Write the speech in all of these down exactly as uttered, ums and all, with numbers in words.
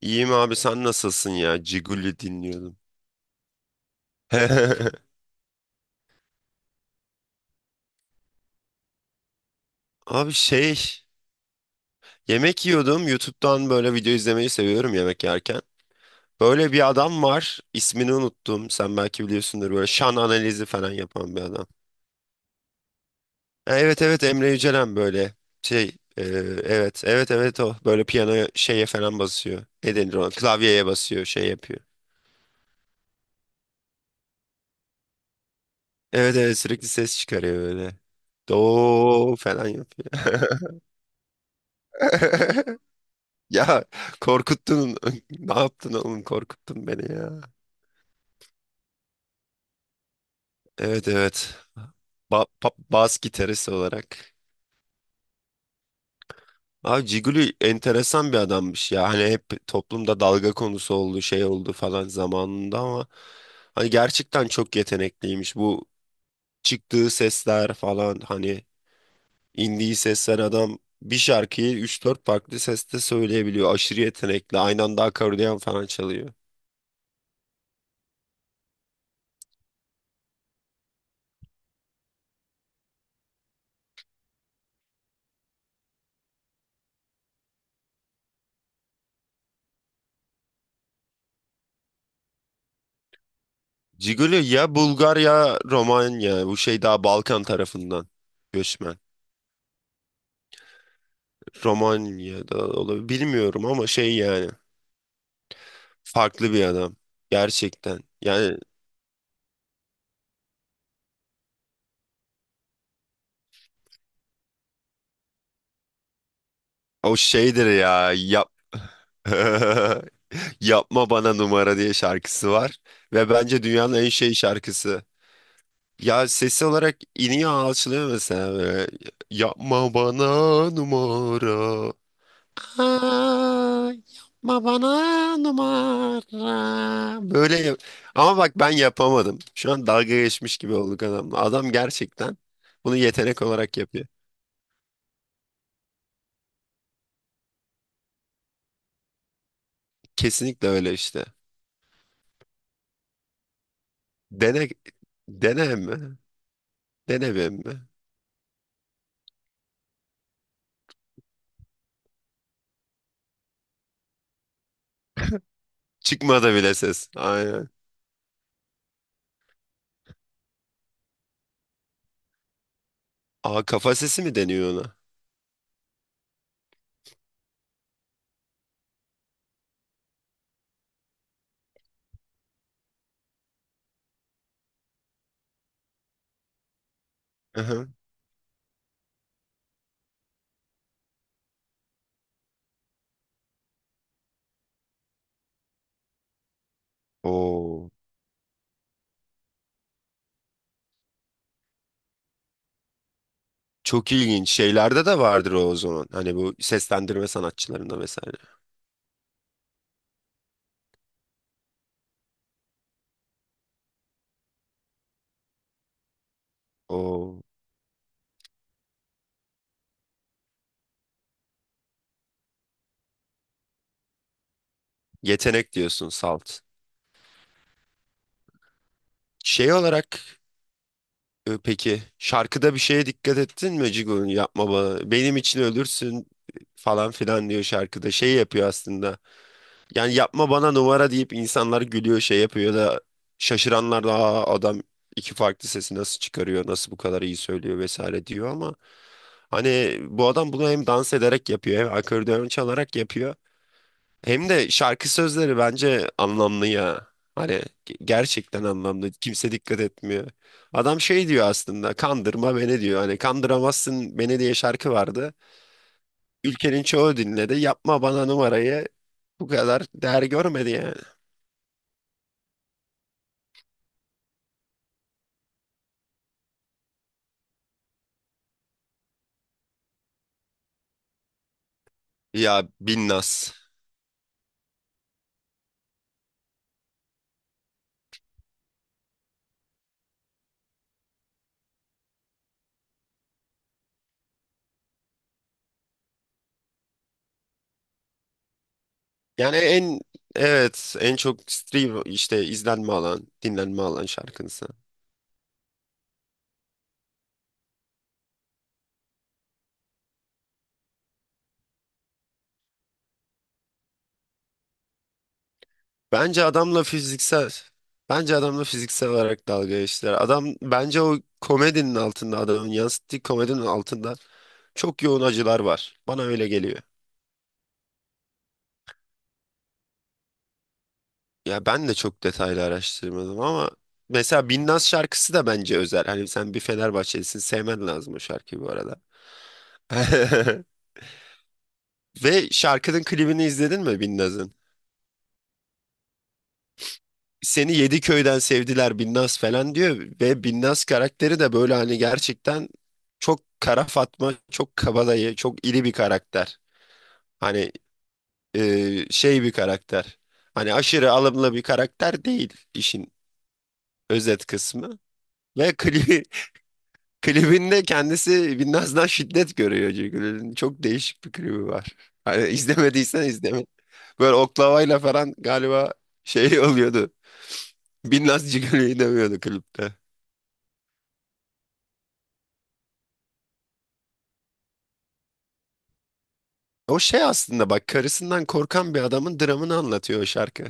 İyiyim abi, sen nasılsın ya? Ciguli dinliyordum. Abi, şey yemek yiyordum. YouTube'dan böyle video izlemeyi seviyorum yemek yerken. Böyle bir adam var. İsmini unuttum. Sen belki biliyorsundur, böyle şan analizi falan yapan bir adam. Ha, evet evet, Emre Yücelen böyle şey e, evet evet evet o böyle piyano şeye falan basıyor. Ne denir ona? Klavyeye basıyor, şey yapıyor. Evet evet, sürekli ses çıkarıyor böyle. Do falan yapıyor. Ya korkuttun. Ne yaptın oğlum? Korkuttun beni ya. Evet evet. Ba pa- bas gitarist olarak. Abi Ciguli enteresan bir adammış ya. Hani hep toplumda dalga konusu oldu, şey oldu falan zamanında ama hani gerçekten çok yetenekliymiş. Bu çıktığı sesler falan, hani indiği sesler, adam bir şarkıyı üç dört farklı seste söyleyebiliyor. Aşırı yetenekli. Aynı anda akordeon falan çalıyor. Ciguli ya Bulgar ya Romanya. Bu şey, daha Balkan tarafından göçmen. Romanya'da olabilir. Bilmiyorum ama şey yani. Farklı bir adam. Gerçekten. Yani o şeydir ya. Yap. Yapma bana numara diye şarkısı var. Ve bence dünyanın en şey şarkısı. Ya sesi olarak iniyor, alçılıyor mesela böyle. Yapma bana numara. Aa, yapma bana numara. Böyle yap- ama bak, ben yapamadım. Şu an dalga geçmiş gibi olduk adamla. Adam gerçekten bunu yetenek olarak yapıyor. Kesinlikle öyle işte. Dene dene mi? Dene mi? Çıkmadı bile ses. Aynen. Aa, kafa sesi mi deniyor ona? Aha. Oo. Çok ilginç. Şeylerde de vardır o, o zaman. Hani bu seslendirme sanatçılarında vesaire. O yetenek diyorsun salt. Şey olarak e, peki şarkıda bir şeye dikkat ettin mi? Cigo'nun, "yapma bana, benim için ölürsün" falan filan diyor şarkıda. Şey yapıyor aslında. Yani "yapma bana numara" deyip insanlar gülüyor, şey yapıyor da, şaşıranlar da, "Aa, adam iki farklı sesi nasıl çıkarıyor, nasıl bu kadar iyi söylüyor" vesaire diyor ama hani bu adam bunu hem dans ederek yapıyor, hem akordeon çalarak yapıyor, hem de şarkı sözleri bence anlamlı ya. Hani ge- gerçekten anlamlı, kimse dikkat etmiyor. Adam şey diyor aslında, "kandırma beni" diyor. Hani "kandıramazsın beni" diye şarkı vardı, ülkenin çoğu dinledi. Yapma bana numarayı bu kadar değer görmedi yani. Ya, Binnaz. Yani en, evet en çok stream, işte izlenme alan, dinlenme alan şarkısı. Bence adamla fiziksel bence adamla fiziksel olarak dalga geçtiler. Adam bence o komedinin altında, adamın yansıttığı komedinin altında çok yoğun acılar var. Bana öyle geliyor. Ya, ben de çok detaylı araştırmadım ama mesela Binnaz şarkısı da bence özel. Hani sen bir Fenerbahçelisin, sevmen lazım o şarkıyı bu arada. Ve şarkının klibini izledin mi Binnaz'ın? "Seni yedi köyden sevdiler Binnaz" falan diyor ve Binnaz karakteri de böyle hani gerçekten çok kara Fatma, çok kabadayı, çok iri bir karakter. Hani e, şey bir karakter. Hani aşırı alımlı bir karakter değil, işin özet kısmı. Ve klibi, klibinde kendisi Binnaz'dan şiddet görüyor çünkü. Çok değişik bir klibi var. Hani izlemediysen izleme. Böyle oklavayla falan galiba şey oluyordu. Binnaz Cigali'yi dövüyordu klipte. O şey aslında, bak, karısından korkan bir adamın dramını anlatıyor o şarkı.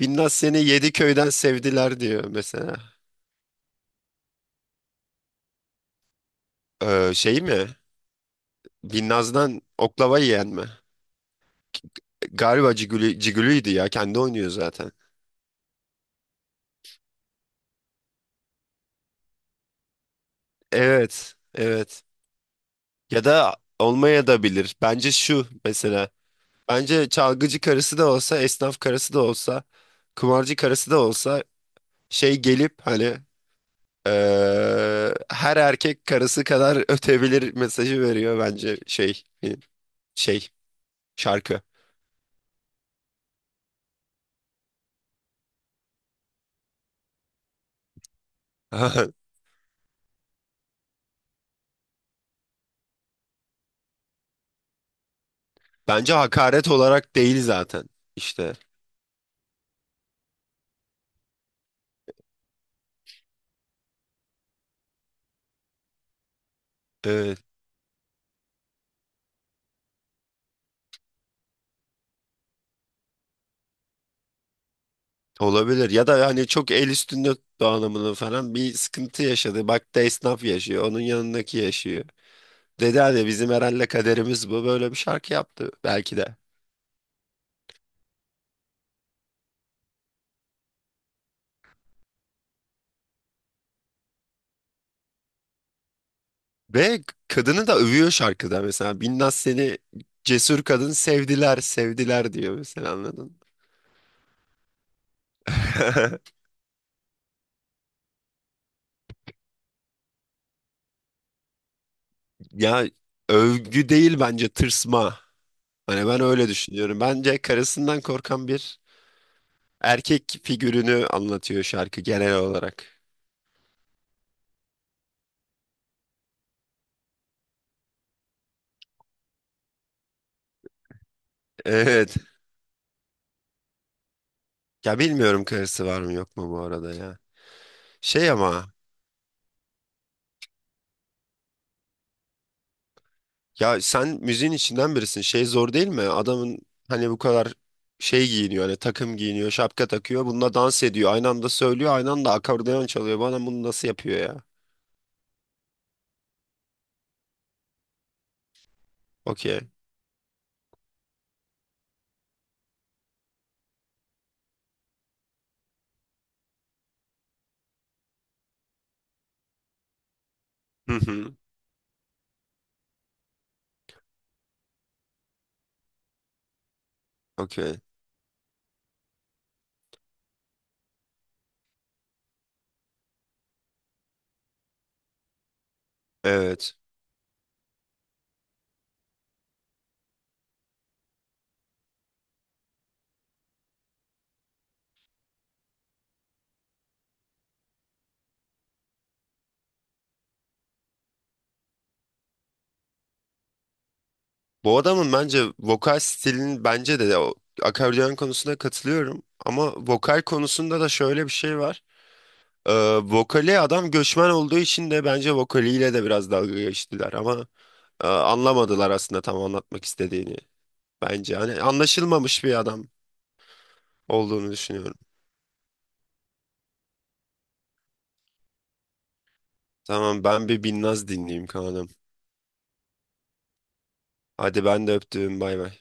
"Binnaz seni yedi köyden sevdiler" diyor mesela. Ee, şey mi? Binnaz'dan oklava yiyen mi? Galiba Cigülü, Cigülü'ydü ya, kendi oynuyor zaten. Evet evet. Ya da olmaya da bilir. Bence şu mesela. Bence çalgıcı karısı da olsa, esnaf karısı da olsa, kumarcı karısı da olsa, şey gelip hani Ee, her erkek karısı kadar ötebilir mesajı veriyor bence şey, e, şey şarkı. Bence hakaret olarak değil zaten işte. Evet, olabilir ya da hani çok el üstünde tuttu anlamında falan bir sıkıntı yaşadı. Bak da, esnaf yaşıyor, onun yanındaki yaşıyor. Dedi hani, "bizim herhalde kaderimiz bu", böyle bir şarkı yaptı belki de. Ve kadını da övüyor şarkıda, mesela "Binnaz seni cesur kadın sevdiler sevdiler" diyor mesela, anladın mı? Ya övgü değil, bence tırsma. Hani ben öyle düşünüyorum. Bence karısından korkan bir erkek figürünü anlatıyor şarkı genel olarak. Evet. Ya, bilmiyorum karısı var mı yok mu bu arada ya. Şey ama, ya sen müziğin içinden birisin. Şey zor değil mi? Adamın hani bu kadar şey giyiniyor, hani takım giyiniyor, şapka takıyor. Bununla dans ediyor. Aynı anda söylüyor, aynı anda akordeon çalıyor. Bana bunu nasıl yapıyor ya? Okey. Hı hı. Okey. Evet. Bu adamın bence vokal stilinin, bence de o akordeon konusunda katılıyorum. Ama vokal konusunda da şöyle bir şey var. Ee, vokali, adam göçmen olduğu için de bence vokaliyle de biraz dalga geçtiler. Ama e, anlamadılar aslında tam anlatmak istediğini. Bence hani anlaşılmamış bir adam olduğunu düşünüyorum. Tamam, ben bir Binnaz dinleyeyim kanalım. Hadi, ben de öptüm, bay bay.